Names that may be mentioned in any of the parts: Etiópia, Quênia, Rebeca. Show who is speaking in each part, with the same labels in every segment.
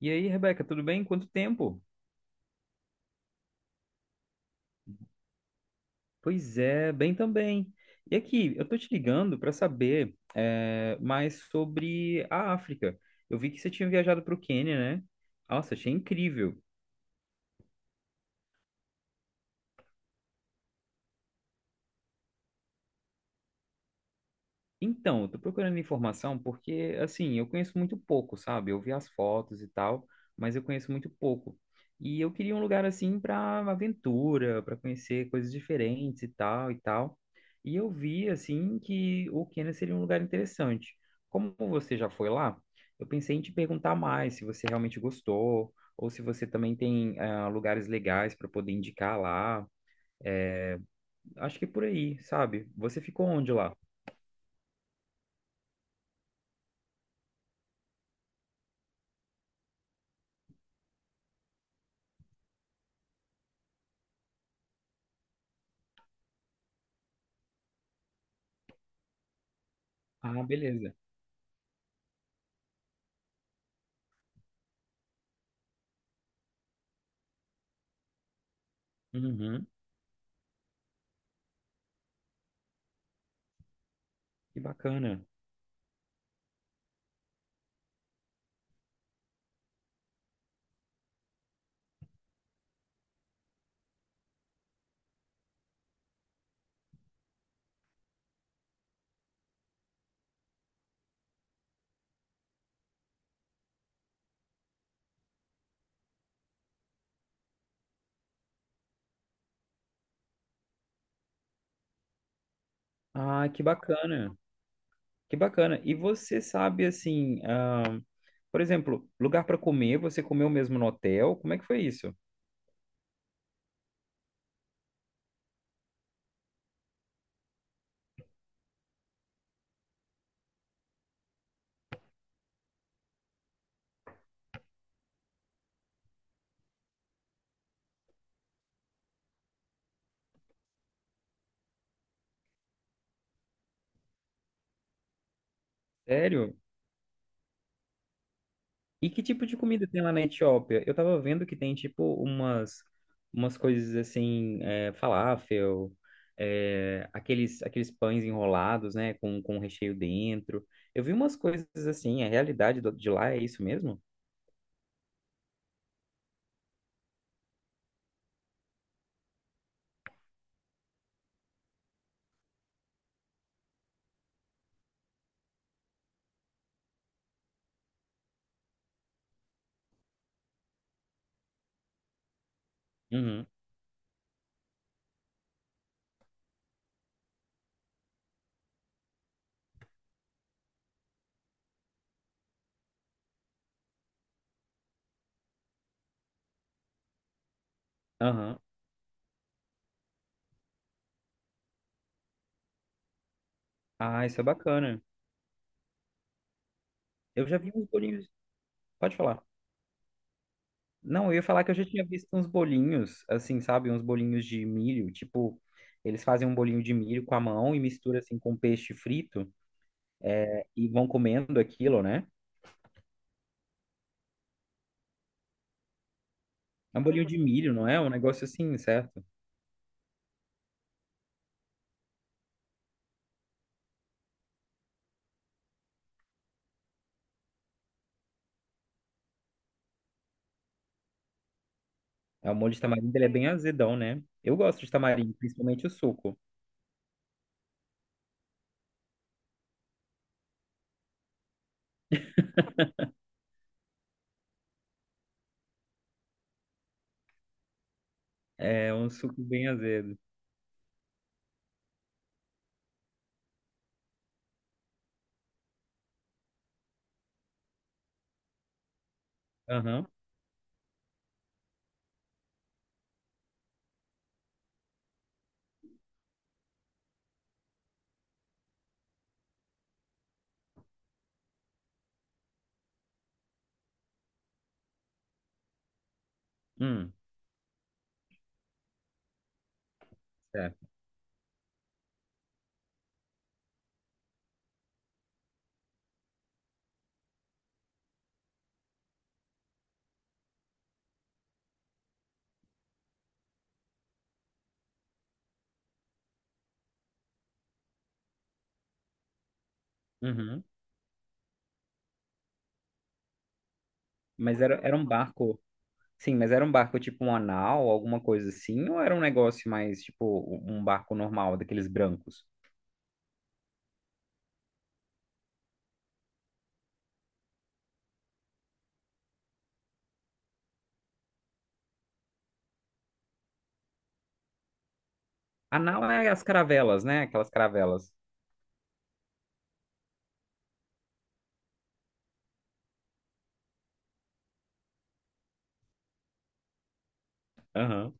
Speaker 1: E aí, Rebeca, tudo bem? Quanto tempo? Pois é, bem também. E aqui, eu tô te ligando para saber mais sobre a África. Eu vi que você tinha viajado para o Quênia, né? Nossa, achei incrível. Então, eu tô procurando informação porque, assim, eu conheço muito pouco, sabe? Eu vi as fotos e tal, mas eu conheço muito pouco. E eu queria um lugar assim para aventura, para conhecer coisas diferentes e tal e tal. E eu vi assim que o Quênia seria um lugar interessante. Como você já foi lá, eu pensei em te perguntar mais se você realmente gostou ou se você também tem lugares legais para poder indicar lá. Acho que é por aí, sabe? Você ficou onde lá? Ah, beleza. Uhum. Que bacana. Ah, que bacana. Que bacana. E você sabe, assim, ah, por exemplo, lugar para comer, você comeu mesmo no hotel? Como é que foi isso? Sério? E que tipo de comida tem lá na Etiópia? Eu tava vendo que tem, tipo, umas, umas coisas assim, é, falafel, é, aqueles pães enrolados, né, com recheio dentro. Eu vi umas coisas assim, a realidade de lá é isso mesmo? Uhum. Aham. Ah, isso é bacana. Eu já vi uns bolinhos. Pode falar. Não, eu ia falar que eu já tinha visto uns bolinhos, assim, sabe? Uns bolinhos de milho, tipo, eles fazem um bolinho de milho com a mão e mistura assim com peixe frito, é, e vão comendo aquilo, né? É um bolinho de milho, não é? É um negócio assim, certo? É o molho de tamarindo, ele é bem azedão, né? Eu gosto de tamarindo, principalmente o suco. É um suco bem azedo. Aham. Hum, certo. Uhum. Mas era, era um barco, sim, mas era um barco tipo um anal, alguma coisa assim, ou era um negócio mais tipo um barco normal, daqueles brancos? A nau é as caravelas, né? Aquelas caravelas. Aham.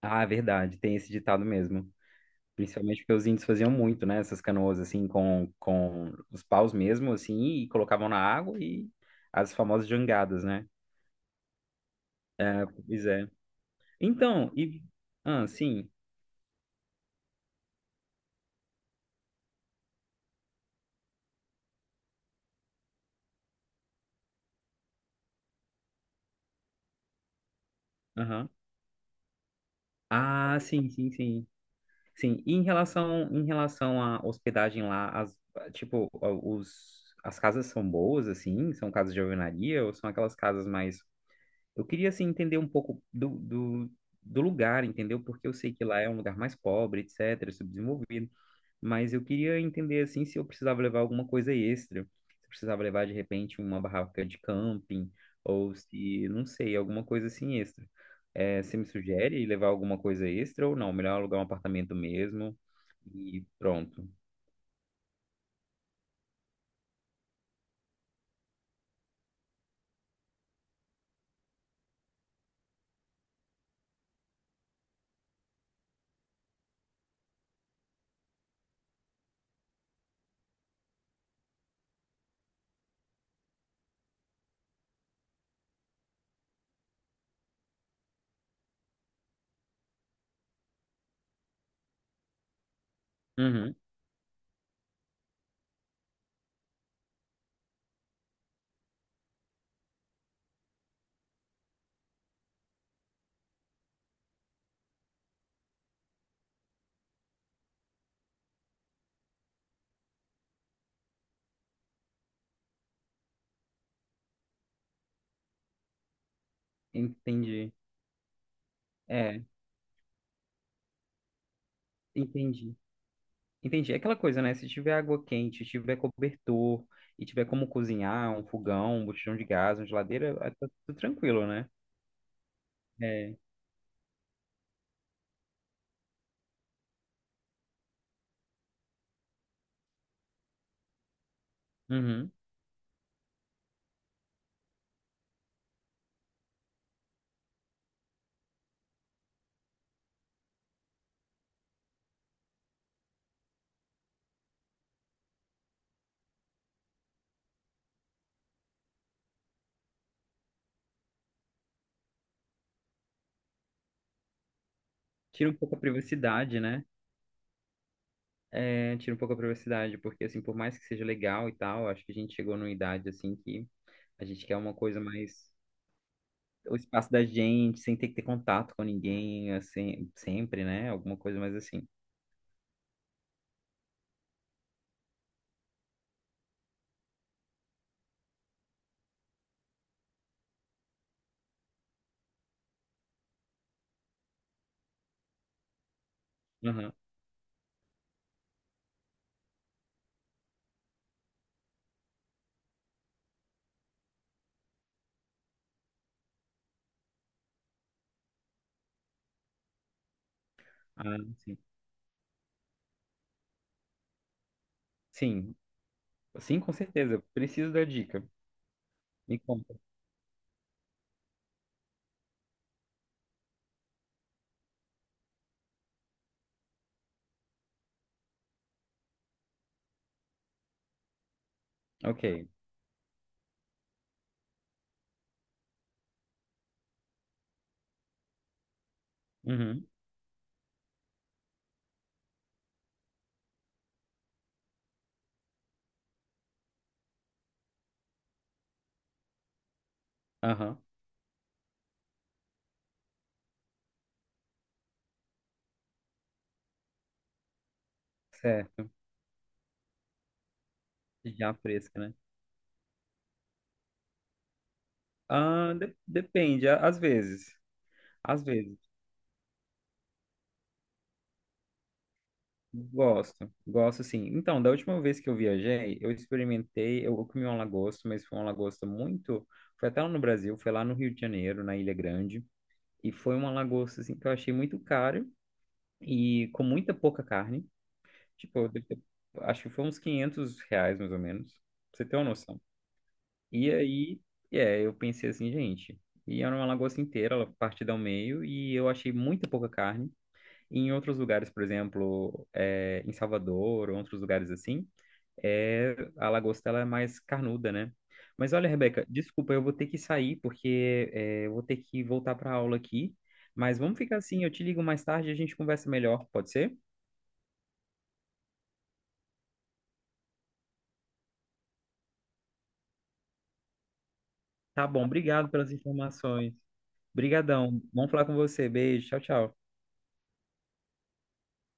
Speaker 1: Ah, é verdade, tem esse ditado mesmo. Principalmente porque os índios faziam muito, né? Essas canoas, assim, com os paus mesmo, assim, e colocavam na água e as famosas jangadas, né? É, pois é. Então, e... Ah, sim. Aham. Ah, sim, sim, sim. Sim, em relação à hospedagem lá, tipo, as casas são boas, assim? São casas de alvenaria ou são aquelas casas mais. Eu queria, assim, entender um pouco do lugar, entendeu? Porque eu sei que lá é um lugar mais pobre, etc., subdesenvolvido. Mas eu queria entender, assim, se eu precisava levar alguma coisa extra. Se eu precisava levar, de repente, uma barraca de camping, ou se, não sei, alguma coisa assim extra. Você me sugere levar alguma coisa extra ou não? Melhor alugar um apartamento mesmo e pronto. Uhum, entendi. É, entendi. Entendi. É aquela coisa, né? Se tiver água quente, tiver cobertor e tiver como cozinhar, um fogão, um botijão de gás, uma geladeira, é, tá tudo tranquilo, né? É. Uhum. Tira um pouco a privacidade, né? É, tira um pouco a privacidade, porque assim, por mais que seja legal e tal, acho que a gente chegou numa idade assim que a gente quer uma coisa mais o espaço da gente, sem ter que ter contato com ninguém, assim, sempre, né? Alguma coisa mais assim. Uhum. Ah, sim. Sim, sim, com certeza. Preciso da dica. Me conta. Ok. Uhum. Aham. Certo. Já fresca, né? Ah, depende, às vezes. Às vezes. Gosto, gosto sim. Então, da última vez que eu viajei, eu experimentei, eu comi um lagosta, mas foi um lagosta muito. Foi até lá no Brasil, foi lá no Rio de Janeiro, na Ilha Grande, e foi uma lagosta assim que eu achei muito caro e com muita pouca carne. Tipo, acho que foi uns R$ 500 mais ou menos. Pra você ter uma noção. E aí, eu pensei assim, gente, e era uma lagosta inteira, ela partida ao meio, e eu achei muito pouca carne. E em outros lugares, por exemplo, é, em Salvador, ou outros lugares assim, é, a lagosta ela é mais carnuda, né? Mas olha, Rebeca, desculpa, eu vou ter que sair, porque é, eu vou ter que voltar para aula aqui. Mas vamos ficar assim, eu te ligo mais tarde e a gente conversa melhor, pode ser? Tá bom, obrigado pelas informações. Obrigadão, vamos falar com você. Beijo, tchau, tchau.